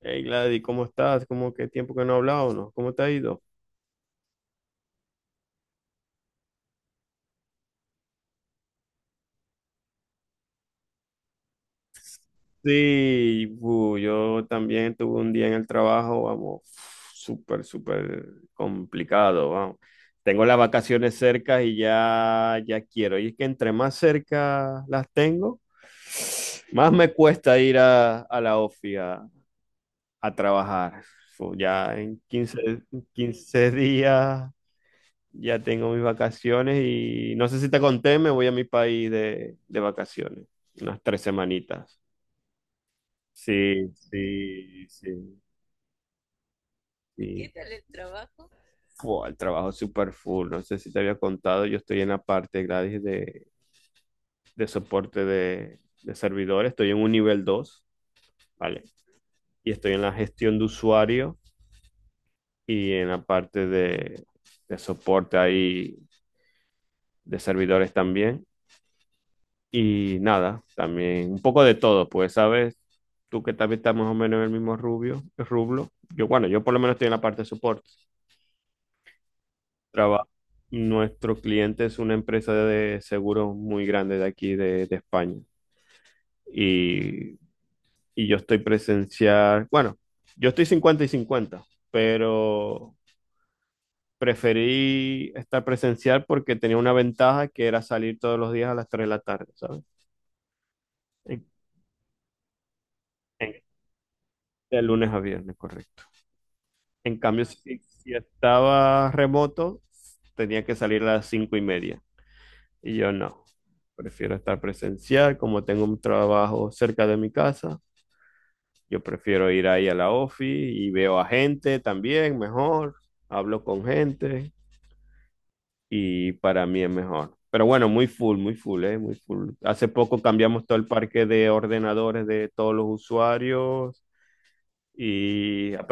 Hey Gladys, ¿cómo estás? ¿Cómo qué tiempo que no hablamos? ¿no? ¿Cómo te ha ido? Sí, bu, yo también tuve un día en el trabajo, vamos, súper complicado, vamos. Tengo las vacaciones cerca y ya quiero. Y es que entre más cerca las tengo, más me cuesta ir a la ofi a trabajar. Ya en 15 días ya tengo mis vacaciones y no sé si te conté, me voy a mi país de vacaciones, unas tres semanitas. Sí, sí, sí. ¿Qué sí? Fua, el trabajo es súper full, no sé si te había contado, yo estoy en la parte gratis de soporte de servidores, estoy en un nivel dos, ¿vale? Y estoy en la gestión de usuario y en la parte de soporte ahí de servidores también. Y nada, también un poco de todo, pues, ¿sabes? Tú que también estás más o menos en el mismo rublo. Yo, bueno, yo por lo menos estoy en la parte de support. Traba Nuestro cliente es una empresa de seguros muy grande de aquí, de España. Y, y yo estoy presencial, bueno, yo estoy 50 y cincuenta, pero preferí estar presencial porque tenía una ventaja que era salir todos los días a las 3 de la tarde, ¿sabes? En- en- De lunes a viernes, correcto. En cambio, si estaba remoto, tenía que salir a las cinco y media. Y yo no. Prefiero estar presencial, como tengo un trabajo cerca de mi casa. Yo prefiero ir ahí a la ofi y veo a gente también, mejor. Hablo con gente y para mí es mejor. Pero bueno, muy full, muy full, muy full. Hace poco cambiamos todo el parque de ordenadores de todos los usuarios y a,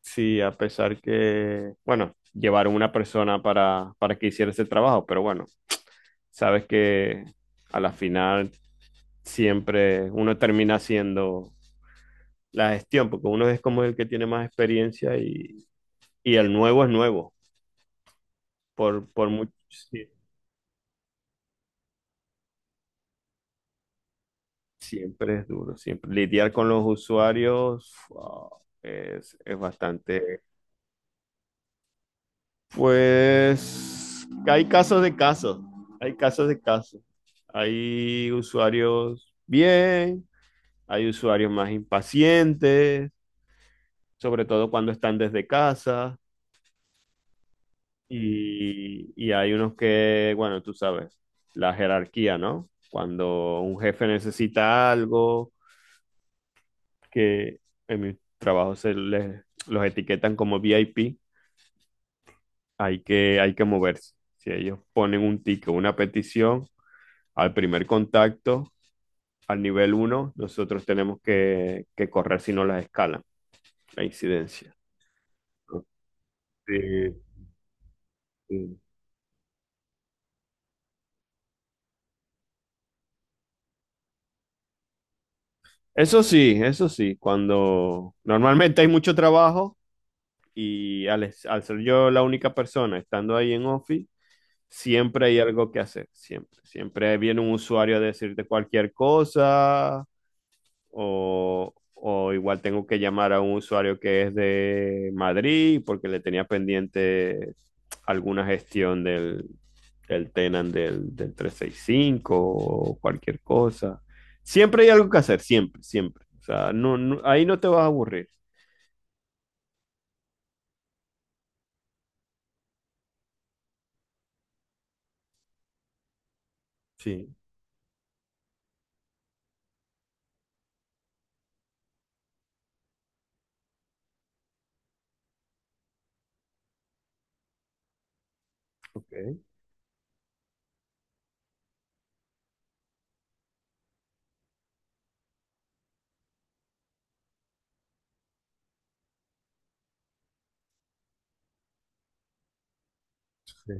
sí, a pesar que, bueno, llevaron una persona para que hiciera ese trabajo, pero bueno, sabes que a la final siempre uno termina haciendo la gestión, porque uno es como el que tiene más experiencia y el nuevo es nuevo, por mucho, sí, siempre es duro, siempre lidiar con los usuarios, wow, es bastante. Pues hay casos de casos, hay casos de casos. Hay usuarios bien, hay usuarios más impacientes, sobre todo cuando están desde casa, y hay unos que, bueno, tú sabes, la jerarquía, ¿no? Cuando un jefe necesita algo, que en mi trabajo los etiquetan como VIP, hay que moverse. Si ellos ponen un ticket, una petición, al primer contacto, al nivel uno, nosotros tenemos que correr si no las escalan, la incidencia. Sí, sí. Eso sí, eso sí, cuando normalmente hay mucho trabajo y al ser yo la única persona estando ahí en Office, siempre hay algo que hacer, siempre. Siempre viene un usuario a decirte cualquier cosa, o igual tengo que llamar a un usuario que es de Madrid porque le tenía pendiente alguna gestión del Tenant del trescientos sesenta y cinco o cualquier cosa. Siempre hay algo que hacer, siempre, siempre. O sea, ahí no te vas a aburrir. Sí, ok. Sí.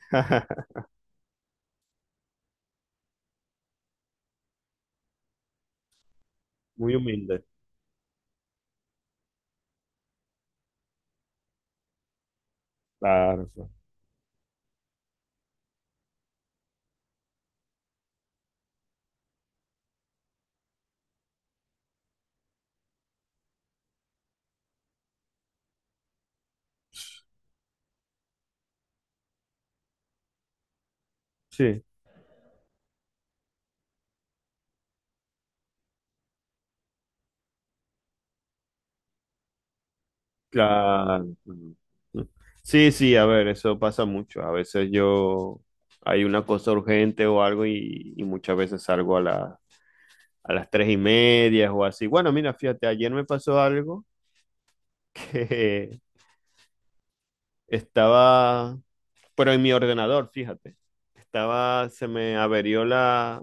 Muy humilde. Claro, claro. Sí. Claro. Mm. Sí, sí, a ver, eso pasa mucho. A veces yo hay una cosa urgente o algo y muchas veces salgo a a las tres y media o así. Bueno, mira, fíjate, ayer me pasó algo que estaba, pero en mi ordenador, fíjate, estaba, se me averió la...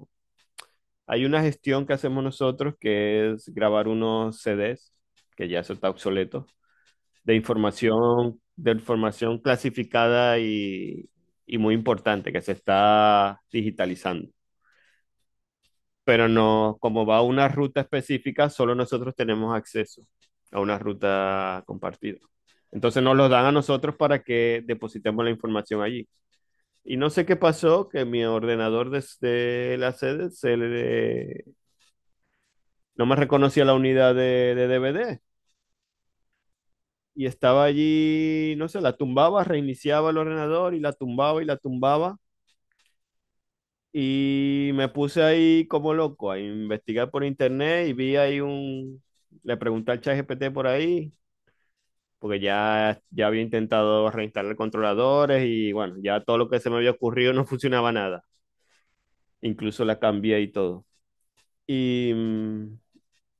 Hay una gestión que hacemos nosotros que es grabar unos CDs, que ya eso está obsoleto, de información clasificada y muy importante que se está digitalizando. Pero no, como va a una ruta específica, solo nosotros tenemos acceso a una ruta compartida. Entonces nos lo dan a nosotros para que depositemos la información allí. Y no sé qué pasó, que mi ordenador desde la sede no me reconocía la unidad de DVD. Y estaba allí, no sé, la tumbaba, reiniciaba el ordenador y la tumbaba y la tumbaba. Y me puse ahí como loco a investigar por internet y vi ahí un... Le pregunté al ChatGPT por ahí, porque ya había intentado reinstalar controladores y bueno, ya todo lo que se me había ocurrido no funcionaba nada. Incluso la cambié y todo. Y,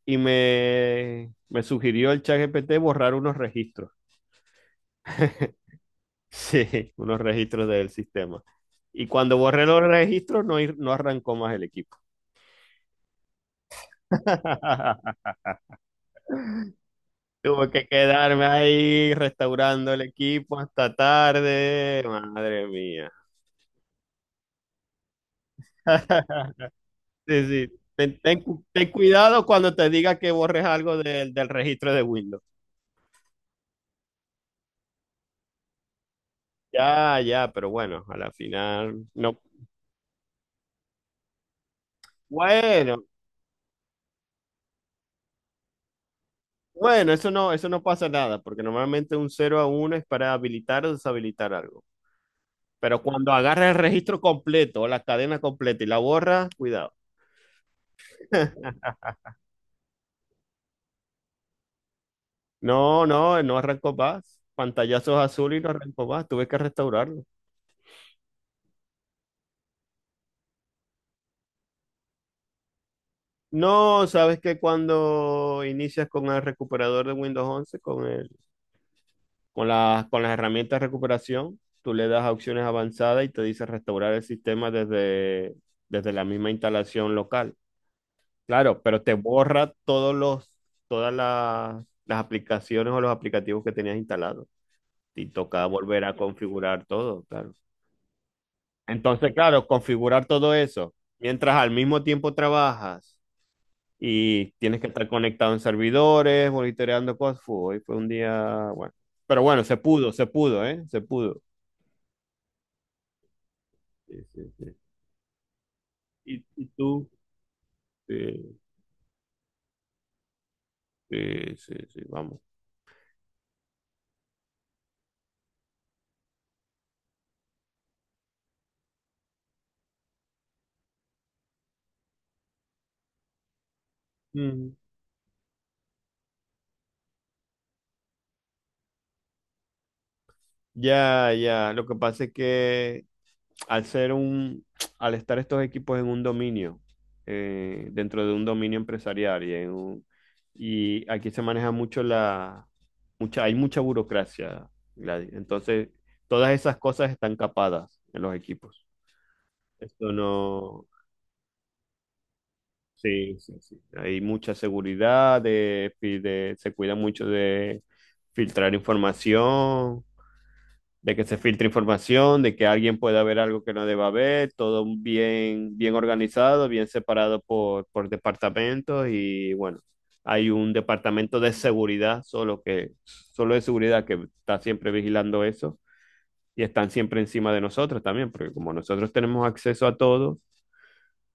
me sugirió el ChatGPT borrar unos registros. Sí, unos registros del sistema. Y cuando borré los registros, no, no arrancó más el equipo. Tuve que quedarme ahí restaurando el equipo hasta tarde. Madre mía. Sí, sí. Ten cuidado cuando te diga que borres algo del registro de Windows. Ya, ya, pero bueno, a la final no. Bueno, bueno, eso no pasa nada, porque normalmente un cero a uno es para habilitar o deshabilitar algo. Pero cuando agarra el registro completo, la cadena completa y la borra, cuidado. No, no, no arrancó más. Pantallazos azul y no arrancó más. Tuve que restaurarlo. No, sabes que cuando inicias con el recuperador de Windows 11, con las herramientas de recuperación, tú le das a opciones avanzadas y te dice restaurar el sistema desde la misma instalación local. Claro, pero te borra las aplicaciones o los aplicativos que tenías instalados, y toca volver a configurar todo, claro. Entonces, claro, configurar todo eso, mientras al mismo tiempo trabajas y tienes que estar conectado en servidores, monitoreando cosas, fu, hoy fue un día, bueno, pero bueno, se pudo, ¿eh? Se pudo. Sí, sí, sí. Y tú? Sí, sí, sí, sí, vamos. Mm. Ya, ya, lo que pasa es que al ser un, al estar estos equipos en un dominio, dentro de un dominio empresarial y aquí se maneja mucho hay mucha burocracia, Gladys. Entonces, todas esas cosas están capadas en los equipos. Esto no, sí, sí, sí. Hay mucha seguridad, se cuida mucho de filtrar información, de que se filtre información, de que alguien pueda ver algo que no deba ver, todo bien, bien organizado, bien separado por departamentos y bueno, hay un departamento de seguridad solo que, solo de seguridad que está siempre vigilando eso y están siempre encima de nosotros también, porque como nosotros tenemos acceso a todo,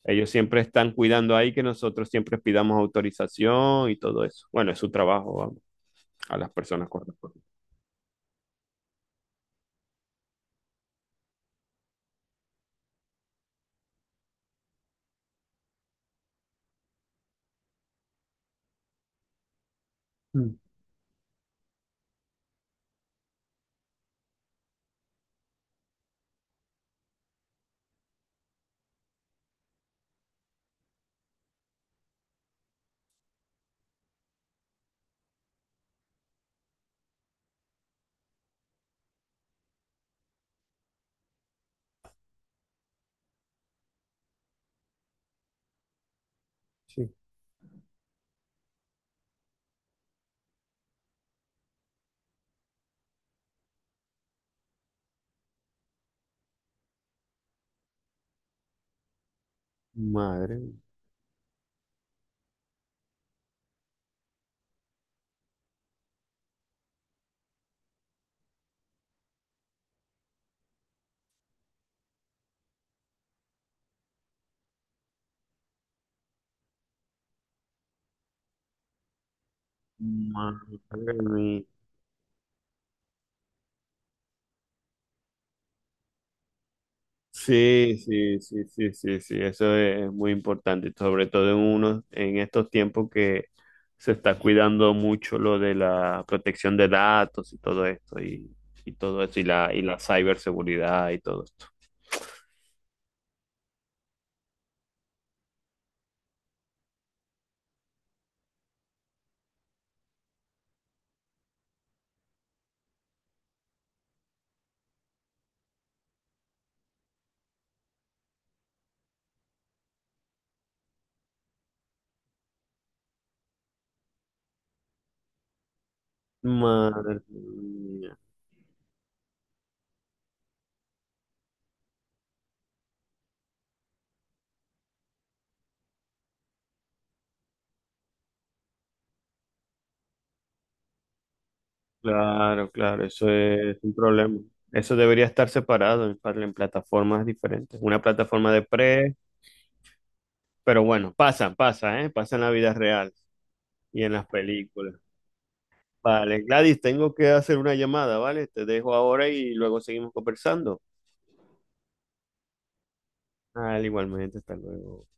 ellos siempre están cuidando ahí que nosotros siempre pidamos autorización y todo eso. Bueno, es su trabajo, vamos, a las personas correspondientes. Mm, sí. Madre Madre mía. Sí, sí, sí, sí, sí, sí, eso es muy importante, sobre todo en estos tiempos que se está cuidando mucho lo de la protección de datos y todo esto, y todo eso, y la ciberseguridad y todo esto. Madre mía. Claro, claro, eso es un problema. Eso debería estar separado en plataformas diferentes. Una plataforma de pre, pero bueno, pasa, pasa, ¿eh? Pasa en la vida real. Y en las películas. Vale, Gladys, tengo que hacer una llamada, ¿vale? Te dejo ahora y luego seguimos conversando. Al igualmente, hasta luego.